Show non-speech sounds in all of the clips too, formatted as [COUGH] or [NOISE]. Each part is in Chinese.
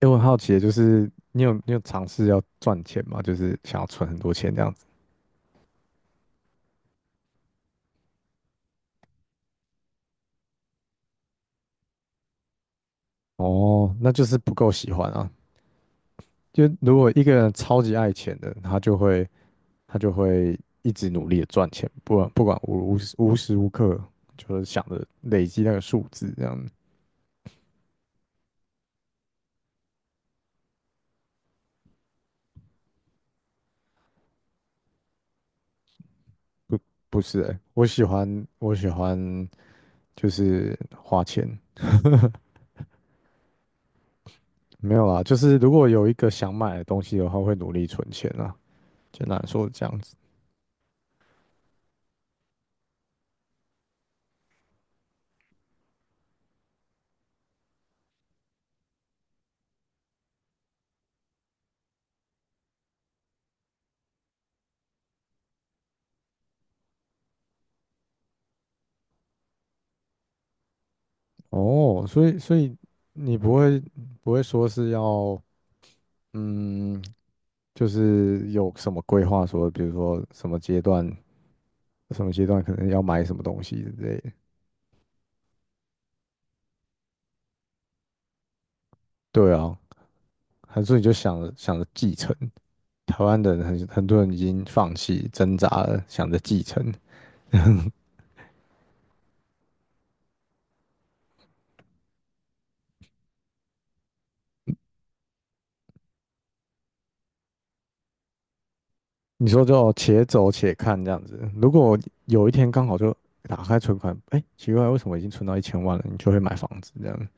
诶，我很好奇的，就是你有尝试要赚钱吗？就是想要存很多钱这样子。哦，那就是不够喜欢啊。就如果一个人超级爱钱的，他就会一直努力的赚钱，不管无时无刻就是想着累积那个数字这样。不是诶，我喜欢就是花钱，没有啊。就是如果有一个想买的东西的话，会努力存钱啊。简单来说是这样子。哦，所以你不会说是要嗯，就是有什么规划说，比如说什么阶段可能要买什么东西之类的。对啊，还是你就想着继承？台湾的人很多人已经放弃挣扎了，想着继承。你说就且走且看这样子。如果有一天刚好就打开存款，哎，奇怪，为什么已经存到1000万了？你就会买房子这样。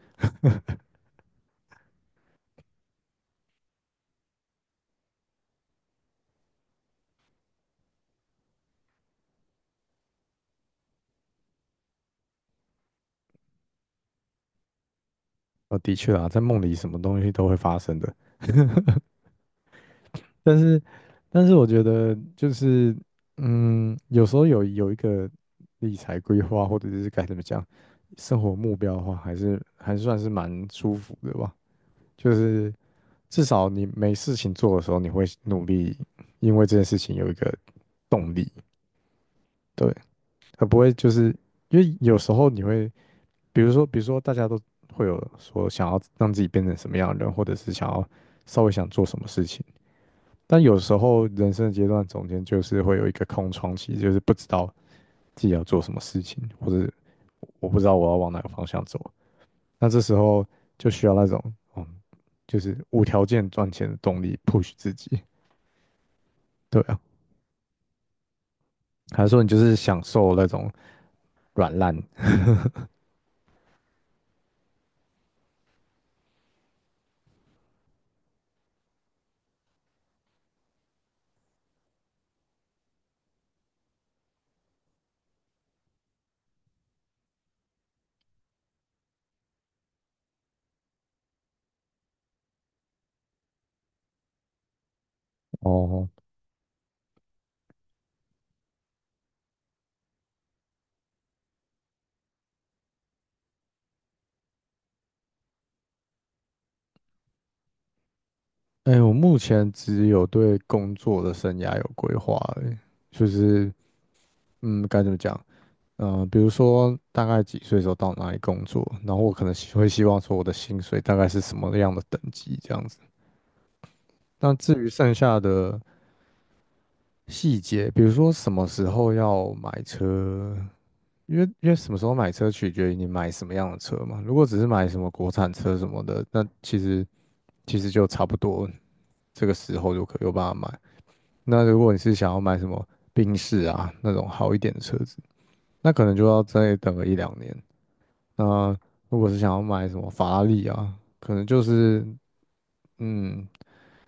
哦，的确啊，在梦里什么东西都会发生的。但是，我觉得就是，有时候有一个理财规划，或者是该怎么讲，生活目标的话，还算是蛮舒服的吧。就是至少你没事情做的时候，你会努力，因为这件事情有一个动力，对，而不会就是因为有时候你会，比如说大家都会有说想要让自己变成什么样的人，或者是想要稍微想做什么事情。但有时候人生的阶段中间就是会有一个空窗期，就是不知道自己要做什么事情，或者我不知道我要往哪个方向走。那这时候就需要那种，嗯，就是无条件赚钱的动力 push 自己。对啊，还是说你就是享受那种软烂？哦，哎，我目前只有对工作的生涯有规划而已。就是该怎么讲？比如说大概几岁的时候到哪里工作，然后我可能希望说我的薪水大概是什么样的等级这样子。那至于剩下的细节，比如说什么时候要买车，因为什么时候买车取决于你买什么样的车嘛。如果只是买什么国产车什么的，那其实就差不多这个时候就可以有办法买。那如果你是想要买什么宾士啊那种好一点的车子，那可能就要再等个一两年。那如果是想要买什么法拉利啊，可能就是嗯，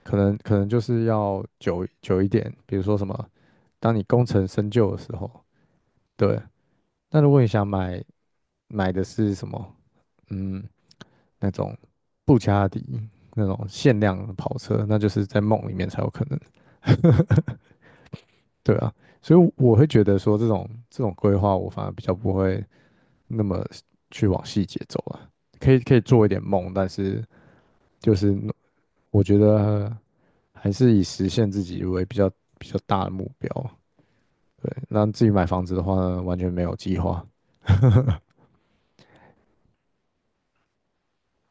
可能就是要久一点，比如说什么，当你功成身就的时候，对。那如果你想买的是什么，嗯，那种布加迪那种限量的跑车，那就是在梦里面才有可能。[LAUGHS] 对啊，所以我会觉得说这种规划，我反而比较不会那么去往细节走啊。可以做一点梦，但是就是我觉得还是以实现自己为比较大的目标。对，那自己买房子的话呢，完全没有计划。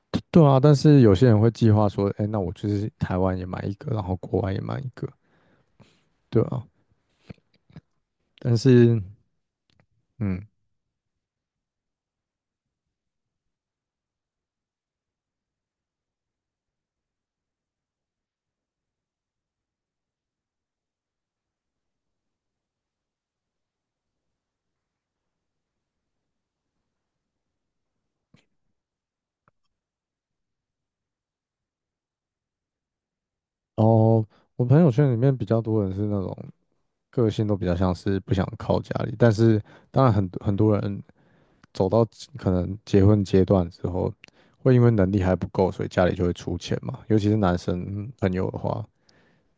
对对啊，但是有些人会计划说，哎，那我就是台湾也买一个，然后国外也买一个，对啊。但是，嗯，哦，我朋友圈里面比较多人是那种。个性都比较像是不想靠家里，但是当然很多人走到可能结婚阶段之后，会因为能力还不够，所以家里就会出钱嘛。尤其是男生朋友的话，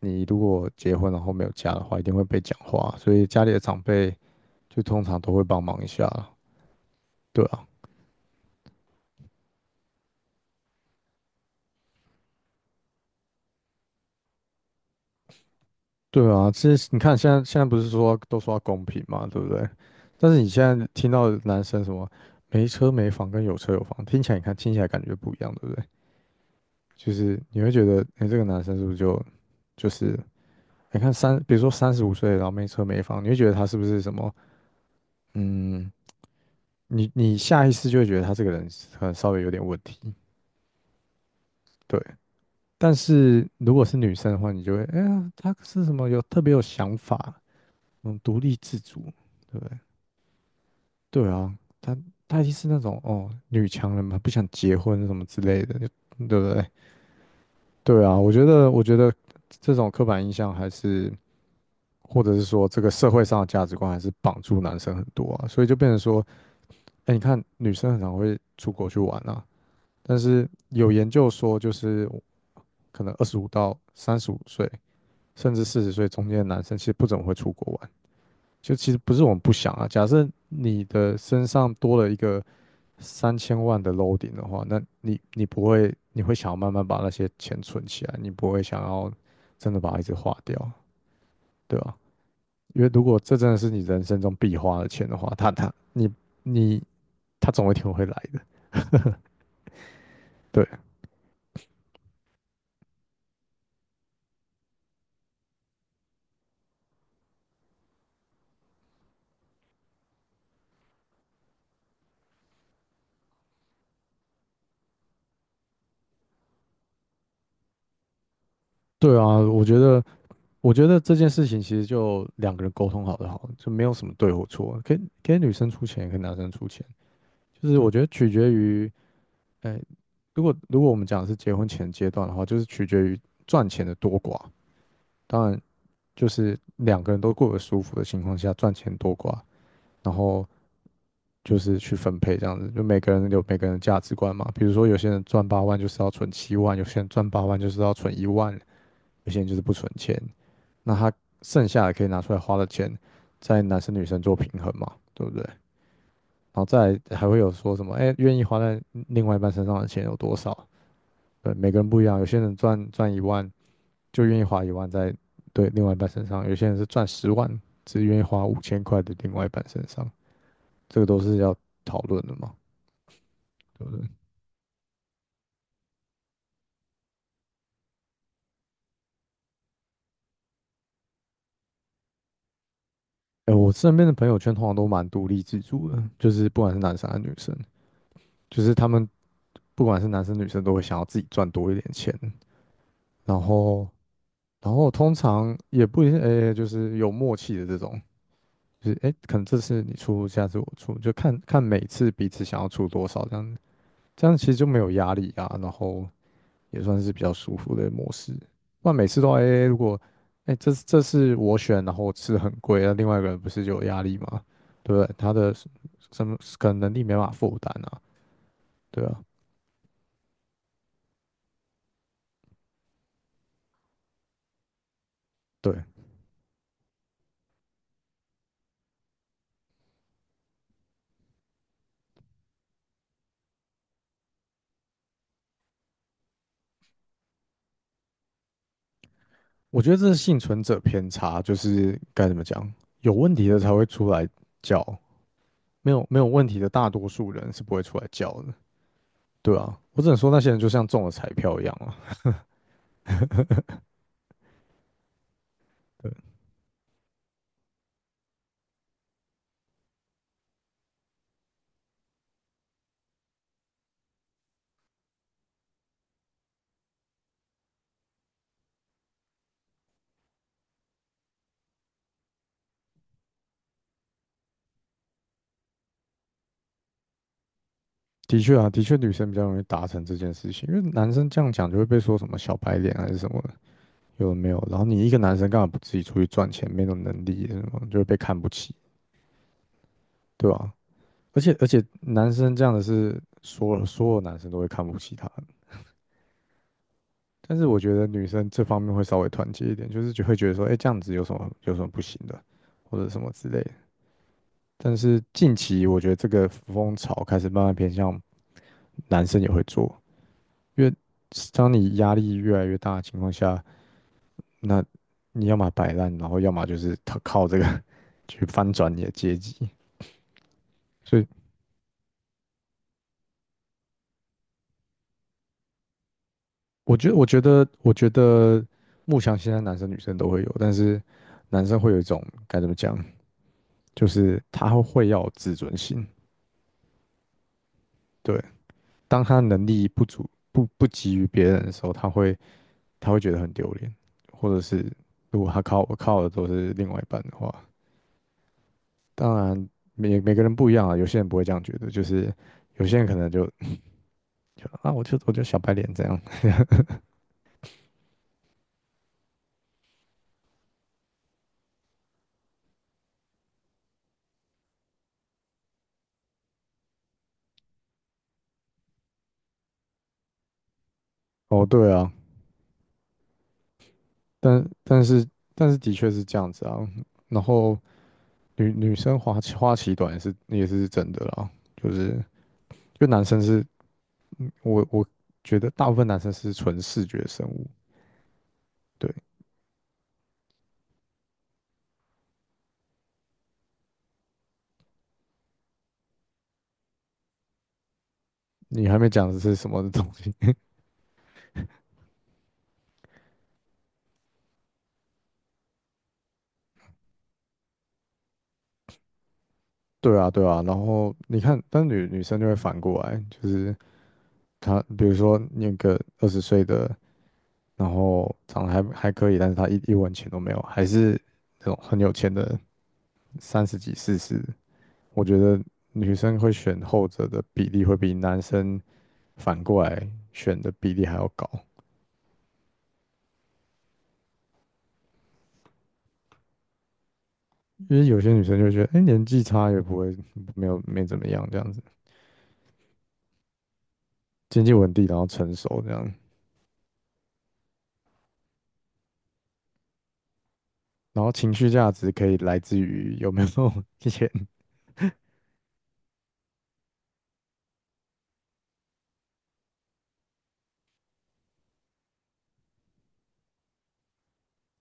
你如果结婚然后没有家的话，一定会被讲话，所以家里的长辈就通常都会帮忙一下啦。对啊，对啊，其实你看现在不是说都说要公平嘛，对不对？但是你现在听到男生什么没车没房跟有车有房，听起来感觉不一样，对不对？就是你会觉得，哎、这个男生是不是就是你看比如说三十五岁，然后没车没房，你会觉得他是不是什么？嗯，你下意识就会觉得他这个人可能稍微有点问题，对。但是如果是女生的话，你就会，哎呀，他是什么有特别有想法，独立自主，对不对？对啊，他他一定是那种女强人嘛，不想结婚什么之类的，对不对？对啊，我觉得这种刻板印象还是。或者是说这个社会上的价值观还是绑住男生很多啊，所以就变成说，哎，你看女生很常会出国去玩啊，但是有研究说，就是可能25到35岁，甚至40岁中间的男生，其实不怎么会出国玩。就其实不是我们不想啊，假设你的身上多了一个3000万的 loading 的话，那你不会，你会想要慢慢把那些钱存起来，你不会想要真的把它一直花掉，对吧？因为如果这真的是你人生中必花的钱的话，他他你你他总有一天会来的。对对啊，我觉得这件事情其实就两个人沟通好就好了，就没有什么对或错，可以给女生出钱，给男生出钱，就是我觉得取决于，哎，如果我们讲的是结婚前阶段的话，就是取决于赚钱的多寡。当然，就是两个人都过得舒服的情况下，赚钱多寡然后就是去分配这样子，就每个人有每个人的价值观嘛。比如说有些人赚八万就是要存7万，有些人赚八万就是要存一万，有些人就是不存钱。那他剩下的可以拿出来花的钱，在男生女生做平衡嘛，对不对？然后再来还会有说什么，哎，愿意花在另外一半身上的钱有多少？对，每个人不一样，有些人赚一万就愿意花一万在对另外一半身上，有些人是赚10万只愿意花5000块的另外一半身上，这个都是要讨论的嘛。对不对？哎、我身边的朋友圈通常都蛮独立自主的，就是不管是男生还是女生，就是他们不管是男生女生都会想要自己赚多一点钱，然后通常也不一定，哎、就是有默契的这种，就是哎、可能这次你出，下次我出，就看看每次彼此想要出多少这样子，这样其实就没有压力啊，然后也算是比较舒服的模式。不然每次都 AA,如果哎、这是我选，然后我吃得很贵，那另外一个人不是就有压力吗？对不对？他的什么可能能力没办法负担啊？对啊，对，我觉得这是幸存者偏差，就是该怎么讲，有问题的才会出来叫，没有问题的大多数人是不会出来叫的，对啊，我只能说那些人就像中了彩票一样啊。对，的确啊，的确女生比较容易达成这件事情，因为男生这样讲就会被说什么小白脸还是什么，有的没有？然后你一个男生干嘛不自己出去赚钱？没有能力什么，就会被看不起，对吧？而且，男生这样的是所有男生都会看不起他的。但是我觉得女生这方面会稍微团结一点，就是就会觉得说，哎，这样子有什么不行的，或者什么之类的。但是近期我觉得这个风潮开始慢慢偏向男生也会做，因为当你压力越来越大的情况下，那你要么摆烂，然后要么就是他靠这个 [LAUGHS] 去翻转你的阶级。所以我觉得木箱现在男生女生都会有，但是男生会有一种该怎么讲，就是他会要有自尊心。对，当他能力不足、不及于别人的时候，他会觉得很丢脸，或者是如果他靠我靠的都是另外一半的话，当然每个人不一样啊，有些人不会这样觉得，就是有些人可能就我就小白脸这样。哦，对啊，但但是但是的确是这样子啊，然后。女生花期短也是真的啦，就是就男生是，我觉得大部分男生是纯视觉生物，对。你还没讲的是什么东西，[LAUGHS] 对啊对啊，然后你看，但女生就会反过来，就是她比如说那个20岁的，然后长得还可以，但是她一文钱都没有，还是那种很有钱的三十几四十，我觉得女生会选后者的比例会比男生反过来选的比例还要高。因为有些女生就觉得，哎、年纪差也不会没怎么样这样子，经济稳定，然后成熟这样，然后情绪价值可以来自于有没有 [LAUGHS] 钱，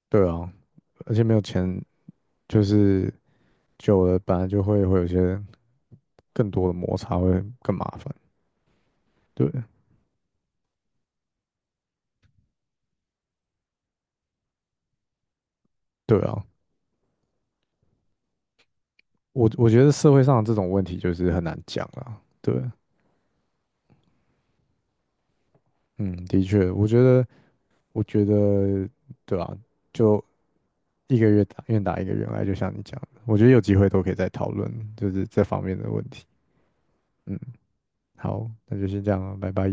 对啊，而且没有钱就是久了本来就会有一些更多的摩擦，会更麻烦，对对啊，我觉得社会上这种问题就是很难讲啊，对，嗯，的确，我觉得对啊，就一个月打愿打一个月来，就像你讲的，我觉得有机会都可以再讨论，就是这方面的问题。嗯，好，那就先这样了，拜拜。